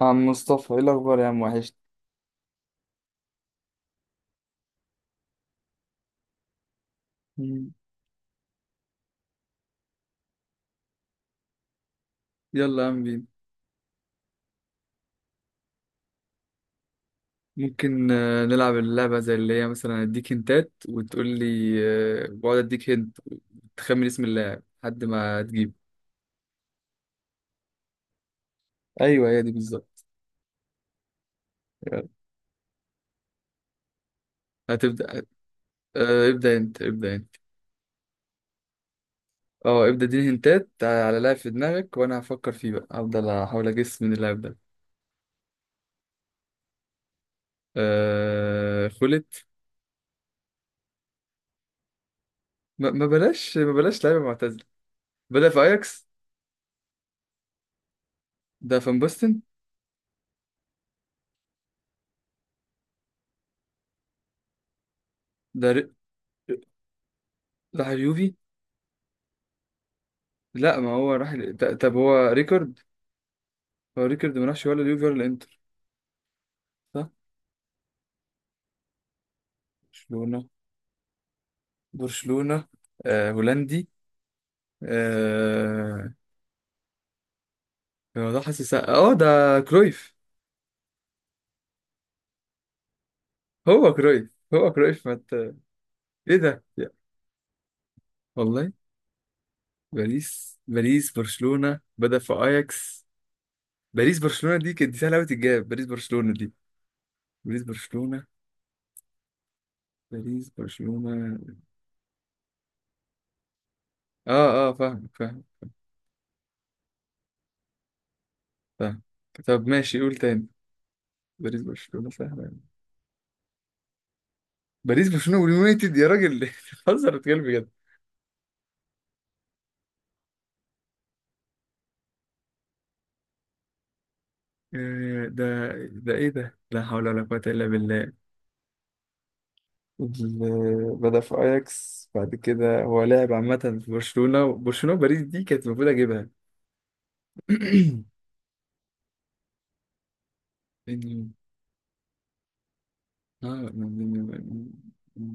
عم مصطفى ايه الاخبار يا عم وحشت. مم. يلا يا عم بينا. ممكن نلعب اللعبة زي اللي هي مثلا اديك هنتات وتقول لي، بقعد اديك هنت تخمن اسم اللاعب لحد ما تجيب. ايوه هي دي بالظبط. يلا. هتبدأ؟ ابدأ انت ابدأ انت. اه ابدأ اديني هنتات على لاعب في دماغك وانا هفكر فيه بقى، هفضل احاول اجس من اللاعب ده. خلت. ما بلاش ما بلاش لعيبة معتزلة. بدأ في اياكس؟ ده فان باستن. ده ر... راح اليوفي. لا، ما هو طب هو ريكورد، ما راحش ولا اليوفي ولا الانتر، صح. برشلونة. برشلونة. هولندي. آه هو ده حاسس، ده كرويف. هو كرويف ما ت- ايه ده يا- والله. باريس باريس برشلونة بدأ في اياكس. باريس برشلونة دي كانت، دي سهلة قوي تتجاب، باريس برشلونة دي. باريس برشلونة. باريس برشلونة. اه اه، فاهم فاهم فاهم. طب ماشي، قول تاني. باريس برشلونة سهلة. باريس برشلونة واليونايتد يا راجل، بتهزر بتتكلم بجد؟ ده ايه ده، لا حول ولا قوة الا بالله. بدأ في اياكس، بعد كده هو لاعب عامة في برشلونة. برشلونة وباريس دي كانت المفروض اجيبها. بين- اه بين-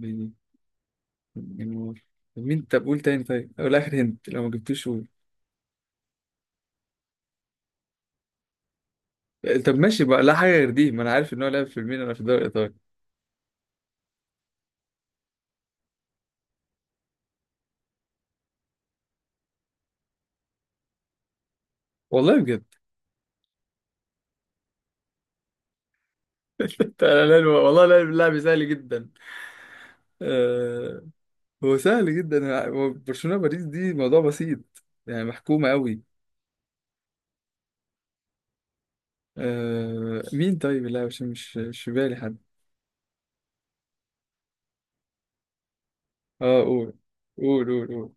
بين- بين- مين؟ طب قول تاني، طيب او الاخر هنت لو ما جبتوش قول. طب ماشي بقى، لا حاجة غير دي، ما انا عارف ان هو لعب في الميلان في الدوري الايطالي. والله بجد؟ أنا لا- والله لا- اللاعب سهل جدا. آه، هو سهل جدا، هو برشلونة باريس دي موضوع بسيط يعني، محكومة قوي. مين؟ طيب لا، مش في بالي حد. اه، قول قول قول قول.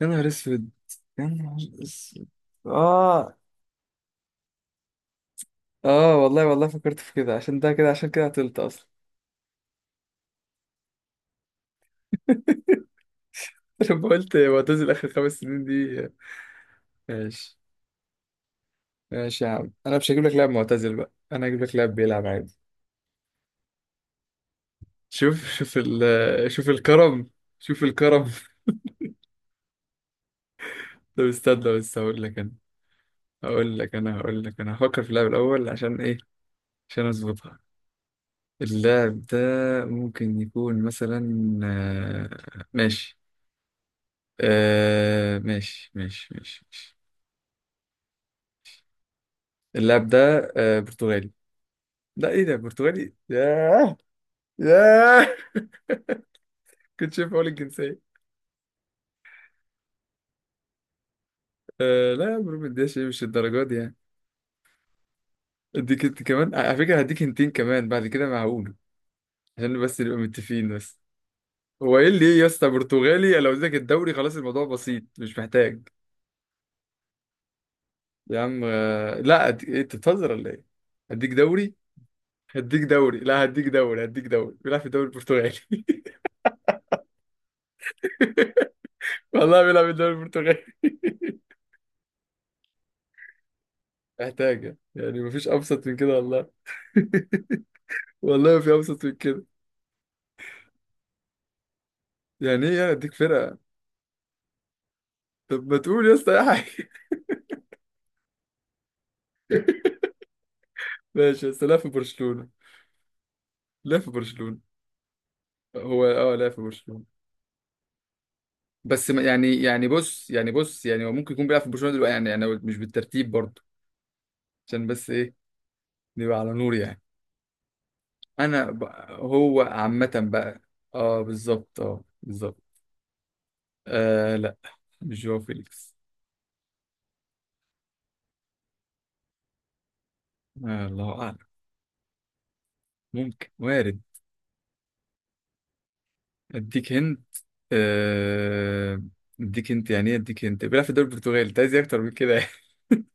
يا نهار اسود، يا نهار اسود. اه اه، والله والله فكرت في كده، عشان ده كده، عشان كده عطلت اصلا. لما قلت معتزل اخر 5 سنين دي. ماشي ماشي يا عم، انا مش هجيب لك لاعب معتزل بقى، انا هجيب لك لاعب بيلعب عادي. شوف شوف ال شوف الكرم، شوف الكرم. طب استنى بس هقول لك انا، هفكر في اللاعب الاول عشان ايه؟ عشان اظبطها. اللاعب ده ممكن يكون مثلا، ماشي. ماشي ماشي ماشي ماشي. اللاعب ده برتغالي. لا ايه ده، برتغالي؟ ياه ياه. كنت شايف اقول الجنسية. لا يا برو مدياش، ايه مش الدرجات دي يعني. اديك انت كمان على فكرة، هديك انتين كمان بعد كده معقول؟ عشان بس نبقى متفقين بس. هو ايه اللي ايه يا اسطى، برتغالي لو اديتك الدوري خلاص الموضوع بسيط مش محتاج. يا عم لا، إيه، انت بتهزر ولا ايه؟ هديك دوري، هديك دوري، لا هديك دوري، هديك دوري بيلعب في الدوري البرتغالي. والله بيلعب في الدوري البرتغالي. محتاجة يعني، مفيش أبسط من كده والله. والله ما في أبسط من كده. يعني إيه يعني أديك فرقة؟ طب ما تقول يا اسطى أي حاجة. ماشي بس، لا في برشلونة. لا في برشلونة. هو أه، لا في برشلونة. بس ما- يعني بص، يعني بص، هو ممكن يكون بيلعب في برشلونة دلوقتي يعني، مش بالترتيب برضه. عشان بس إيه، نبقى على نور يعني. انا ب... هو عامة بقى، اه بالظبط، اه بالظبط. لا مش جواو فيليكس. الله اعلم، ممكن وارد. اديك هنت آه اديك هنت يعني ايه اديك هنت، بيلعب في الدوري البرتغالي، انت عايز إيه اكتر من كده يعني؟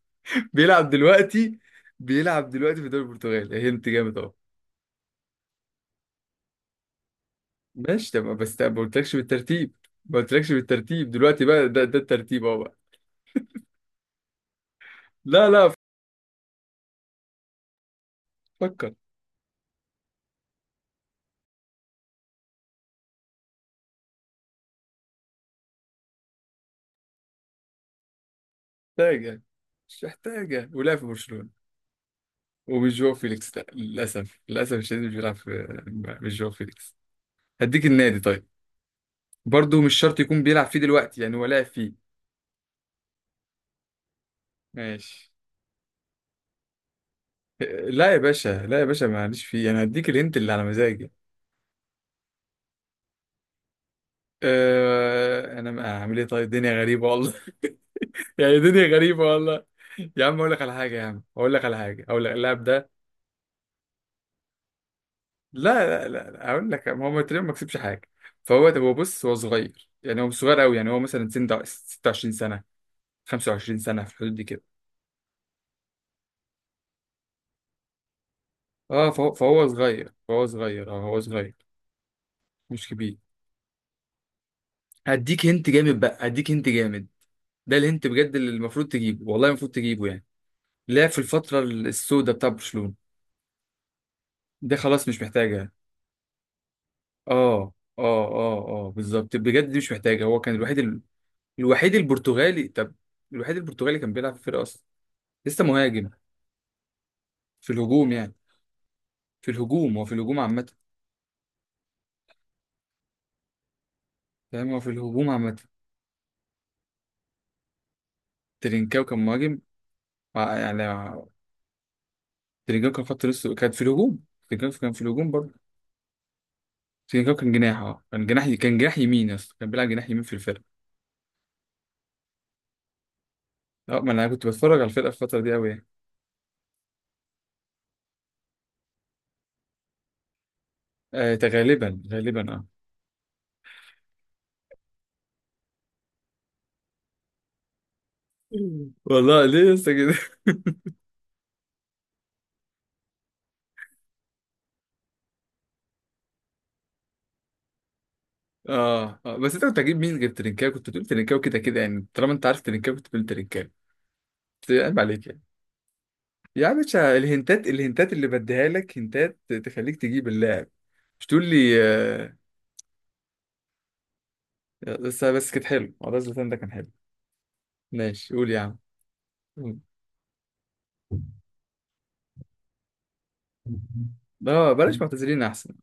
بيلعب دلوقتي، بيلعب دلوقتي في الدوري البرتغالي، هنت جامد اهو. ماشي تمام بس ما قلتلكش بالترتيب، ما قلتلكش بالترتيب دلوقتي بقى، ده الترتيب اهو بقى. لا لا، فكر. محتاجة، مش محتاجة، ولعب في برشلونة ومش جو فيليكس. لا للاسف، للاسف الشديد مش بيلعب في، مش جو فيليكس. هديك النادي طيب؟ برضه مش شرط يكون بيلعب فيه دلوقتي يعني، هو لاعب فيه. ماشي. لا يا باشا، لا يا باشا، معلش فيه، انا هديك الهنت اللي على مزاجي. أه انا ما اعمل ايه، طيب الدنيا غريبه والله. يعني دنيا غريبه والله. يا عم اقول لك على حاجه، يا عم اقول لك على حاجه، اقول لك اللاعب ده. لا لا لا لا، اقول لك، ما هو تقريبا ما كسبش حاجه. فهو، طب هو بص، هو صغير يعني، هو مش صغير قوي يعني، هو مثلا سن 26 سنه، 25 سنه، في الحدود دي كده. اه فهو صغير، فهو صغير، اه هو صغير، مش كبير. هديك هنت جامد بقى، هديك هنت جامد، ده الهنت بجد اللي المفروض تجيبه، والله المفروض تجيبه يعني. لعب في الفترة السوداء بتاع برشلونة، ده خلاص مش محتاجها. اه اه اه اه بالظبط بجد، دي مش محتاجة، هو كان الوحيد الوحيد البرتغالي. طب الوحيد البرتغالي كان بيلعب في الفرقة اصلا، لسه مهاجم، في الهجوم يعني، في الهجوم، هو في الهجوم عامة. فاهم، هو في الهجوم عامة. ترينكاو كان مهاجم، يعني. تريجاكا خط، لسه كان في الهجوم، تريجاكا كان في الهجوم برضه. تريجاكا كان جناح، كان جناح، كان جناح يمين يا اسطى، كان بيلعب جناح يمين في الفرقه. اه ما انا كنت بتفرج على الفرقه في الفتره دي قوي يعني. ده غالبا غالبا اه. والله ليه يا اسطى كده؟ اه اه، بس انت كنت هتجيب مين غير ترينكاوي؟ كنت بتقول ترينكاوي كده كده يعني، طالما انت عارف ترينكاوي كنت بتقول ترينكاوي. بس عيب عليك يعني، يا عم باشا، الهنتات، الهنتات اللي بديها لك هنتات تخليك تجيب اللاعب، مش تقول لي آه. بس كانت حلو والله، زلاتان ده كان حلو. ماشي، قول يا عم. اه بلاش معتذرين احسن.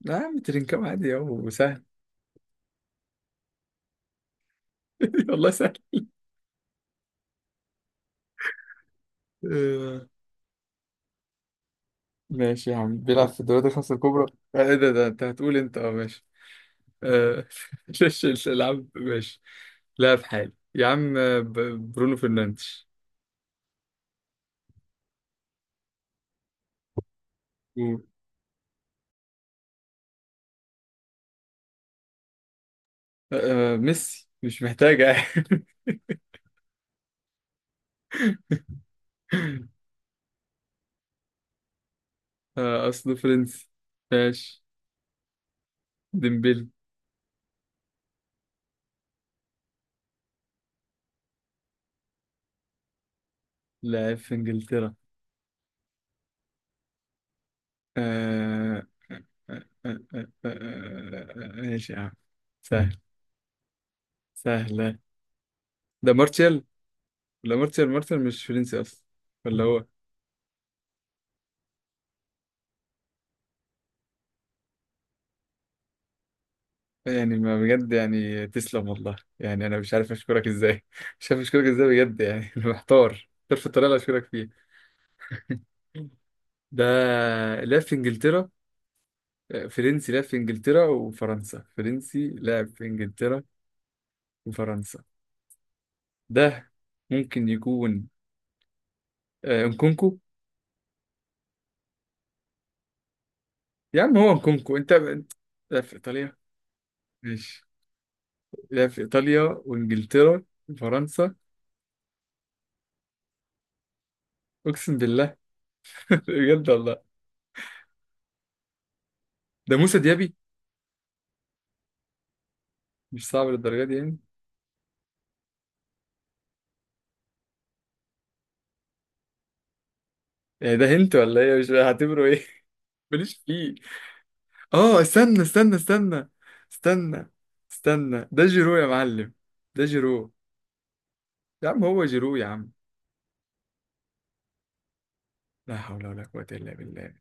لا يا عم، ترينكاو عادي اهو، سهل. والله سهل. آه، ماشي يا عم، بيلعب في الدوريات الخمسة الكبرى. ايه ده، انت هتقول انت؟ اه ماشي. آه، شاش الالعاب ماشي. لا في حالي يا عم، برونو فرنانديز. قول. ميسي مش محتاجة. اصله فرنسي. ماشي، ديمبلي. لاعب في انجلترا. آه، آه، ماشي يا عم، سهل، سهلة. ده مارتيال، ولا مارتيال، مارتيال مش فرنسي أصلا ولا هو؟ يعني ما بجد يعني، تسلم والله يعني، أنا مش عارف أشكرك إزاي. مش عارف أشكرك إزاي بجد يعني. أنا محتار، محتار في الطريقة اللي أشكرك فيها. ده لعب في إنجلترا، فرنسي لعب في إنجلترا وفرنسا، فرنسي لعب في إنجلترا وفرنسا. ده ممكن يكون انكونكو. يا عم هو انكونكو، لعب في إيطاليا؟ ماشي، لعب في إيطاليا وإنجلترا وفرنسا. أقسم بالله، بجد والله. ده موسى ديابي، مش صعب للدرجه دي يعني. يعني ده هنت ولا ايه؟ مش هعتبره ايه. ماليش فيه. اه استنى استنى استنى استنى استنى، ده جيرو يا معلم، ده جيرو، يا عم هو جيرو يا عم، لا حول ولا قوة إلا بالله.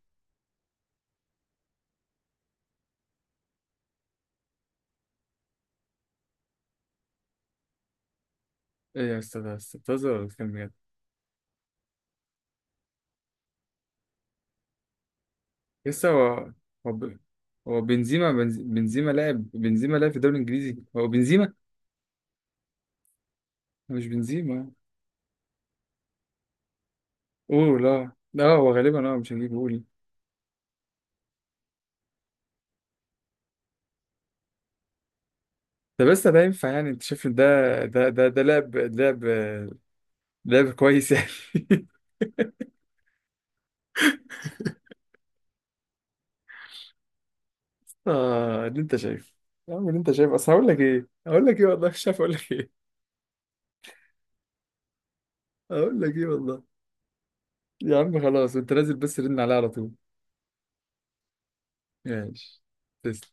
ايه يا استاذ، ده أستاذ بتهزر ولا بتتكلم بجد؟ لسه هو، هو ب- هو بنزيما، بنزيما، لاعب بنزيما، لاعب في الدوري الانجليزي هو بنزيما؟ مش بنزيما. اوه لا لا، هو غالبا مش هجيب قول. ده بس ده ينفع يعني، انت شايف إن ده ده ده ده لعب، لعب كويس يعني؟ اه اللي انت شايف، يا عم اللي انت شايف اصل، هقول لك ايه والله مش عارف اقول لك ايه، هقول لك ايه والله. يا عم خلاص انت نازل، بس رن عليها على طول. ماشي، تسلم.